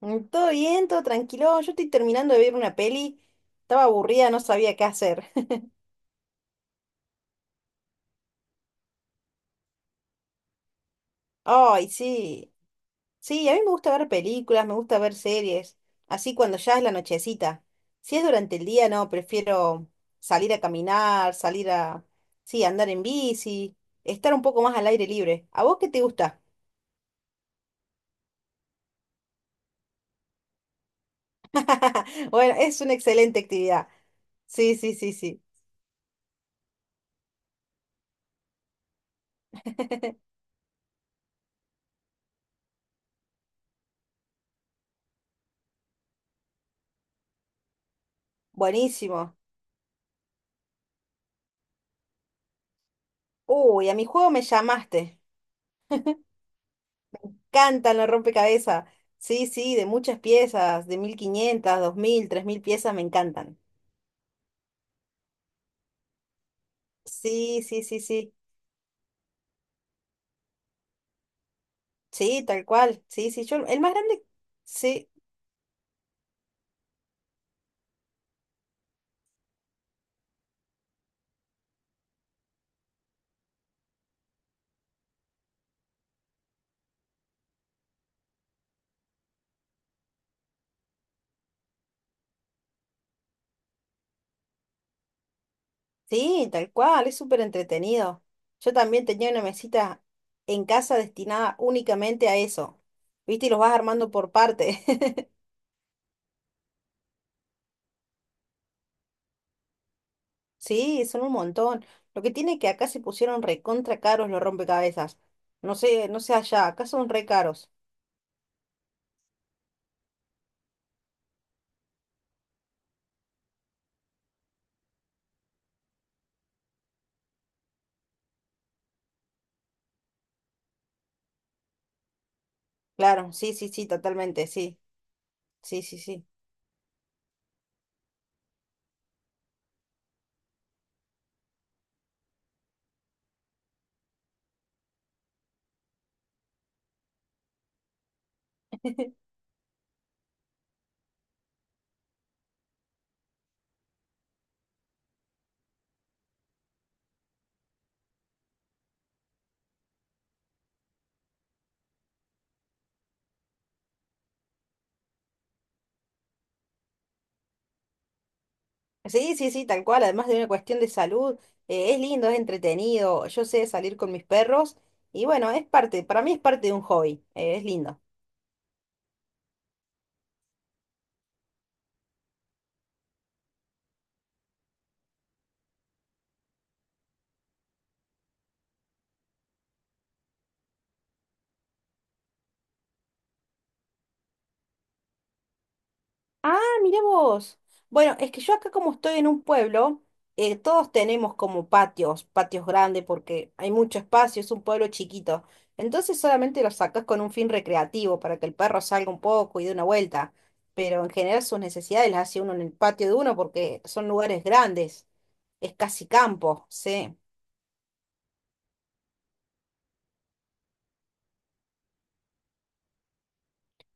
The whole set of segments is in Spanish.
Todo bien, todo tranquilo. Yo estoy terminando de ver una peli. Estaba aburrida, no sabía qué hacer. Ay, sí. Sí, a mí me gusta ver películas, me gusta ver series. Así cuando ya es la nochecita. Si es durante el día, no, prefiero salir a caminar, salir a, sí, andar en bici, estar un poco más al aire libre. ¿A vos qué te gusta? Bueno, es una excelente actividad. Sí, sí, sí, sí. Buenísimo. Uy, a mi juego me llamaste. Cantan los rompecabezas. Sí, sí, de muchas piezas, de 1.500 2.000 3.000 piezas, me encantan. Sí, sí, sí, sí. Sí, tal cual. Sí, sí, yo, el más grande, sí, sí, tal cual, es súper entretenido. Yo también tenía una mesita en casa destinada únicamente a eso. ¿Viste? Y los vas armando por parte. Sí, son un montón. Lo que tiene que acá se pusieron recontra caros los rompecabezas. No sé, no sé allá, acá son re caros. Claro, sí, sí, sí, totalmente, sí. Sí, sí, sí. Sí, sí, sí, tal cual, además de una cuestión de salud, es lindo, es entretenido, yo sé salir con mis perros y bueno, es parte, para mí es parte de un hobby, es lindo. Ah, mirá vos. Bueno, es que yo acá como estoy en un pueblo, todos tenemos como patios, patios grandes porque hay mucho espacio, es un pueblo chiquito. Entonces solamente los sacas con un fin recreativo para que el perro salga un poco y dé una vuelta. Pero en general sus necesidades las hace uno en el patio de uno porque son lugares grandes. Es casi campo, sí.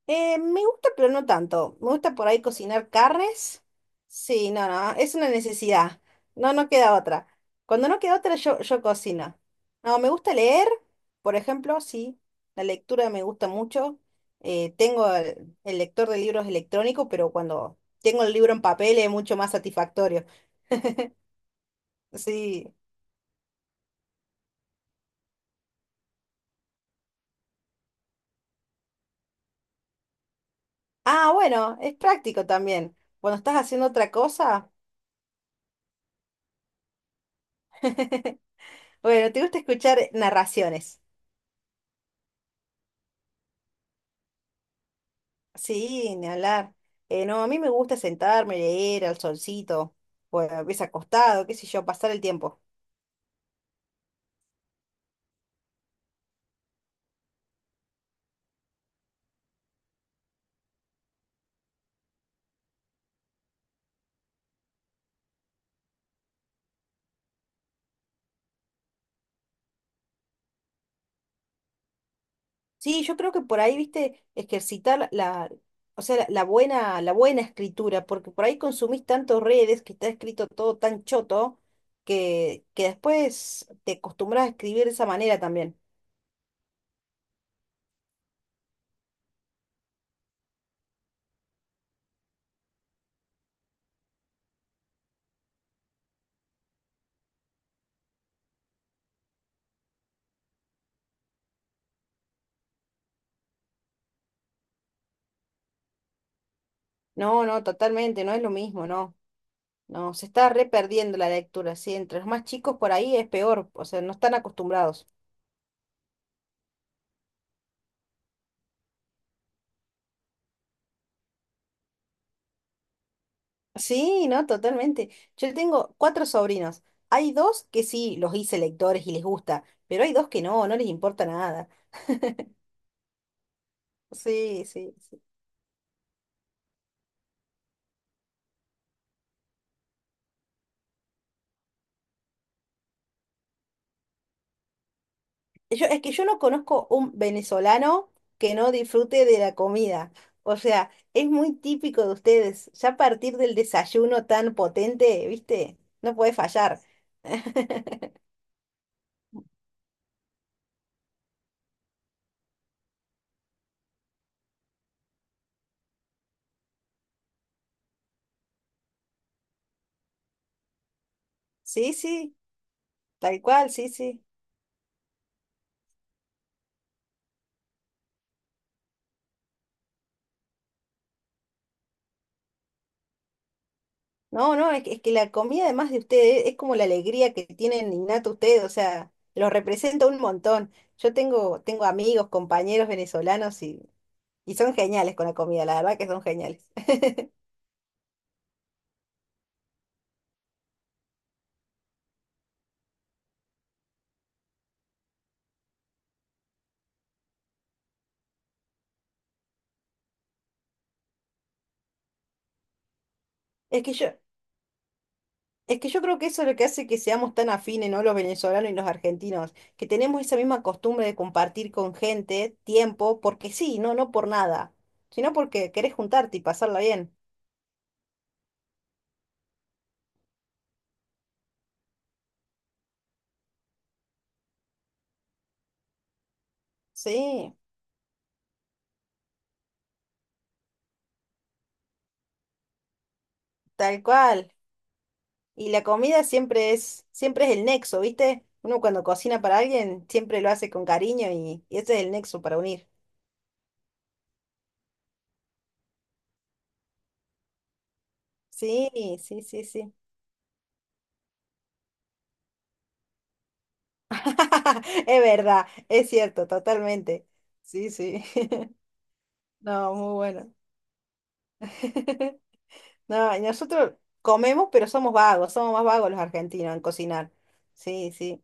Me gusta, pero no tanto. Me gusta por ahí cocinar carnes. Sí, no, no, es una necesidad. No, no queda otra. Cuando no queda otra, yo cocino. No, me gusta leer, por ejemplo, sí. La lectura me gusta mucho. Tengo el lector de libros electrónico, pero cuando tengo el libro en papel es mucho más satisfactorio. Sí. Ah, bueno, es práctico también. Cuando estás haciendo otra cosa, bueno, te gusta escuchar narraciones. Sí, ni hablar. No, a mí me gusta sentarme, leer al solcito, o a veces acostado, qué sé yo, pasar el tiempo. Sí, yo creo que por ahí, viste, ejercitar la, o sea, la buena, la buena escritura, porque por ahí consumís tantos redes que está escrito todo tan choto que después te acostumbras a escribir de esa manera también. No, no, totalmente, no es lo mismo, no. No, se está re perdiendo la lectura, sí, entre los más chicos por ahí es peor, o sea, no están acostumbrados. Sí, no, totalmente. Yo tengo 4 sobrinos. Hay dos que sí los hice lectores y les gusta, pero hay dos que no, no les importa nada. Sí, sí, sí. Yo, es que yo no conozco un venezolano que no disfrute de la comida. O sea, es muy típico de ustedes. Ya a partir del desayuno tan potente, ¿viste? No puede fallar. Sí, sí, tal cual, sí, sí. No, no, es que la comida además de ustedes es como la alegría que tienen innata ustedes, o sea, los representa un montón. Yo tengo, amigos, compañeros venezolanos y son geniales con la comida, la verdad que son geniales. Es que yo, es que yo creo que eso es lo que hace que seamos tan afines, ¿no? Los venezolanos y los argentinos, que tenemos esa misma costumbre de compartir con gente tiempo, porque sí, no, no por nada, sino porque querés juntarte y pasarla bien. Sí, tal cual. Y la comida siempre es el nexo, ¿viste? Uno cuando cocina para alguien siempre lo hace con cariño y ese es el nexo para unir. Sí, sí, sí, sí. Es verdad, es cierto, totalmente. Sí, sí. No, muy bueno. No, y nosotros comemos, pero somos vagos, somos más vagos los argentinos en cocinar. Sí, sí.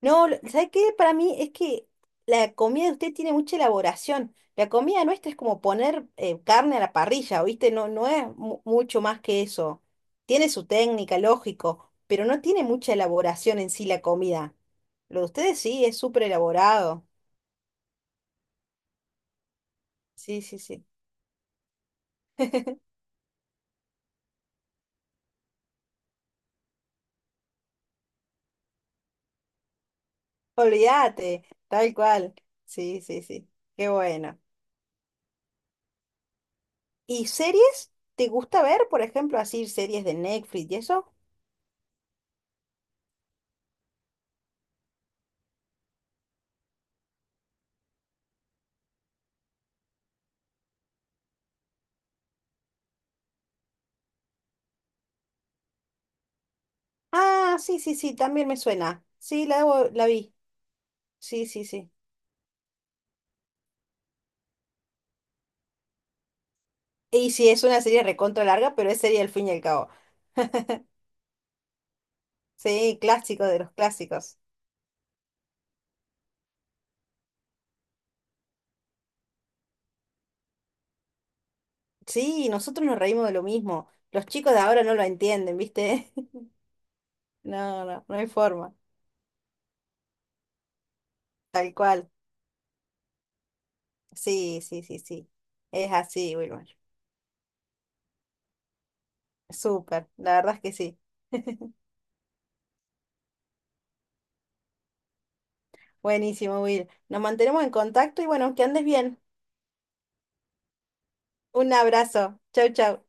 No, lo- ¿sabe qué? Para mí es que la comida de usted tiene mucha elaboración. La comida nuestra es como poner carne a la parrilla, ¿viste? No, no es mu- mucho más que eso. Tiene su técnica, lógico, pero no tiene mucha elaboración en sí la comida. Lo de ustedes sí es súper elaborado. Sí, sí, sí. Olvídate, tal cual. Sí, sí, sí. Qué bueno. ¿Y series? ¿Te gusta ver, por ejemplo, así series de Netflix y eso? Ah, sí, sí, sí, también me suena. Sí, la, debo- la vi. Sí, sí, sí. Y sí, es una serie recontra larga, pero es serie al fin y al cabo. Sí, clásico de los clásicos. Sí, nosotros nos reímos de lo mismo. Los chicos de ahora no lo entienden, ¿viste? No, no, no hay forma. Tal cual. Sí, sí, sí, sí. Es así, Wilmer. Súper, la verdad es que sí. Buenísimo, Will. Nos mantenemos en contacto y bueno, que andes bien. Un abrazo. Chau, chau.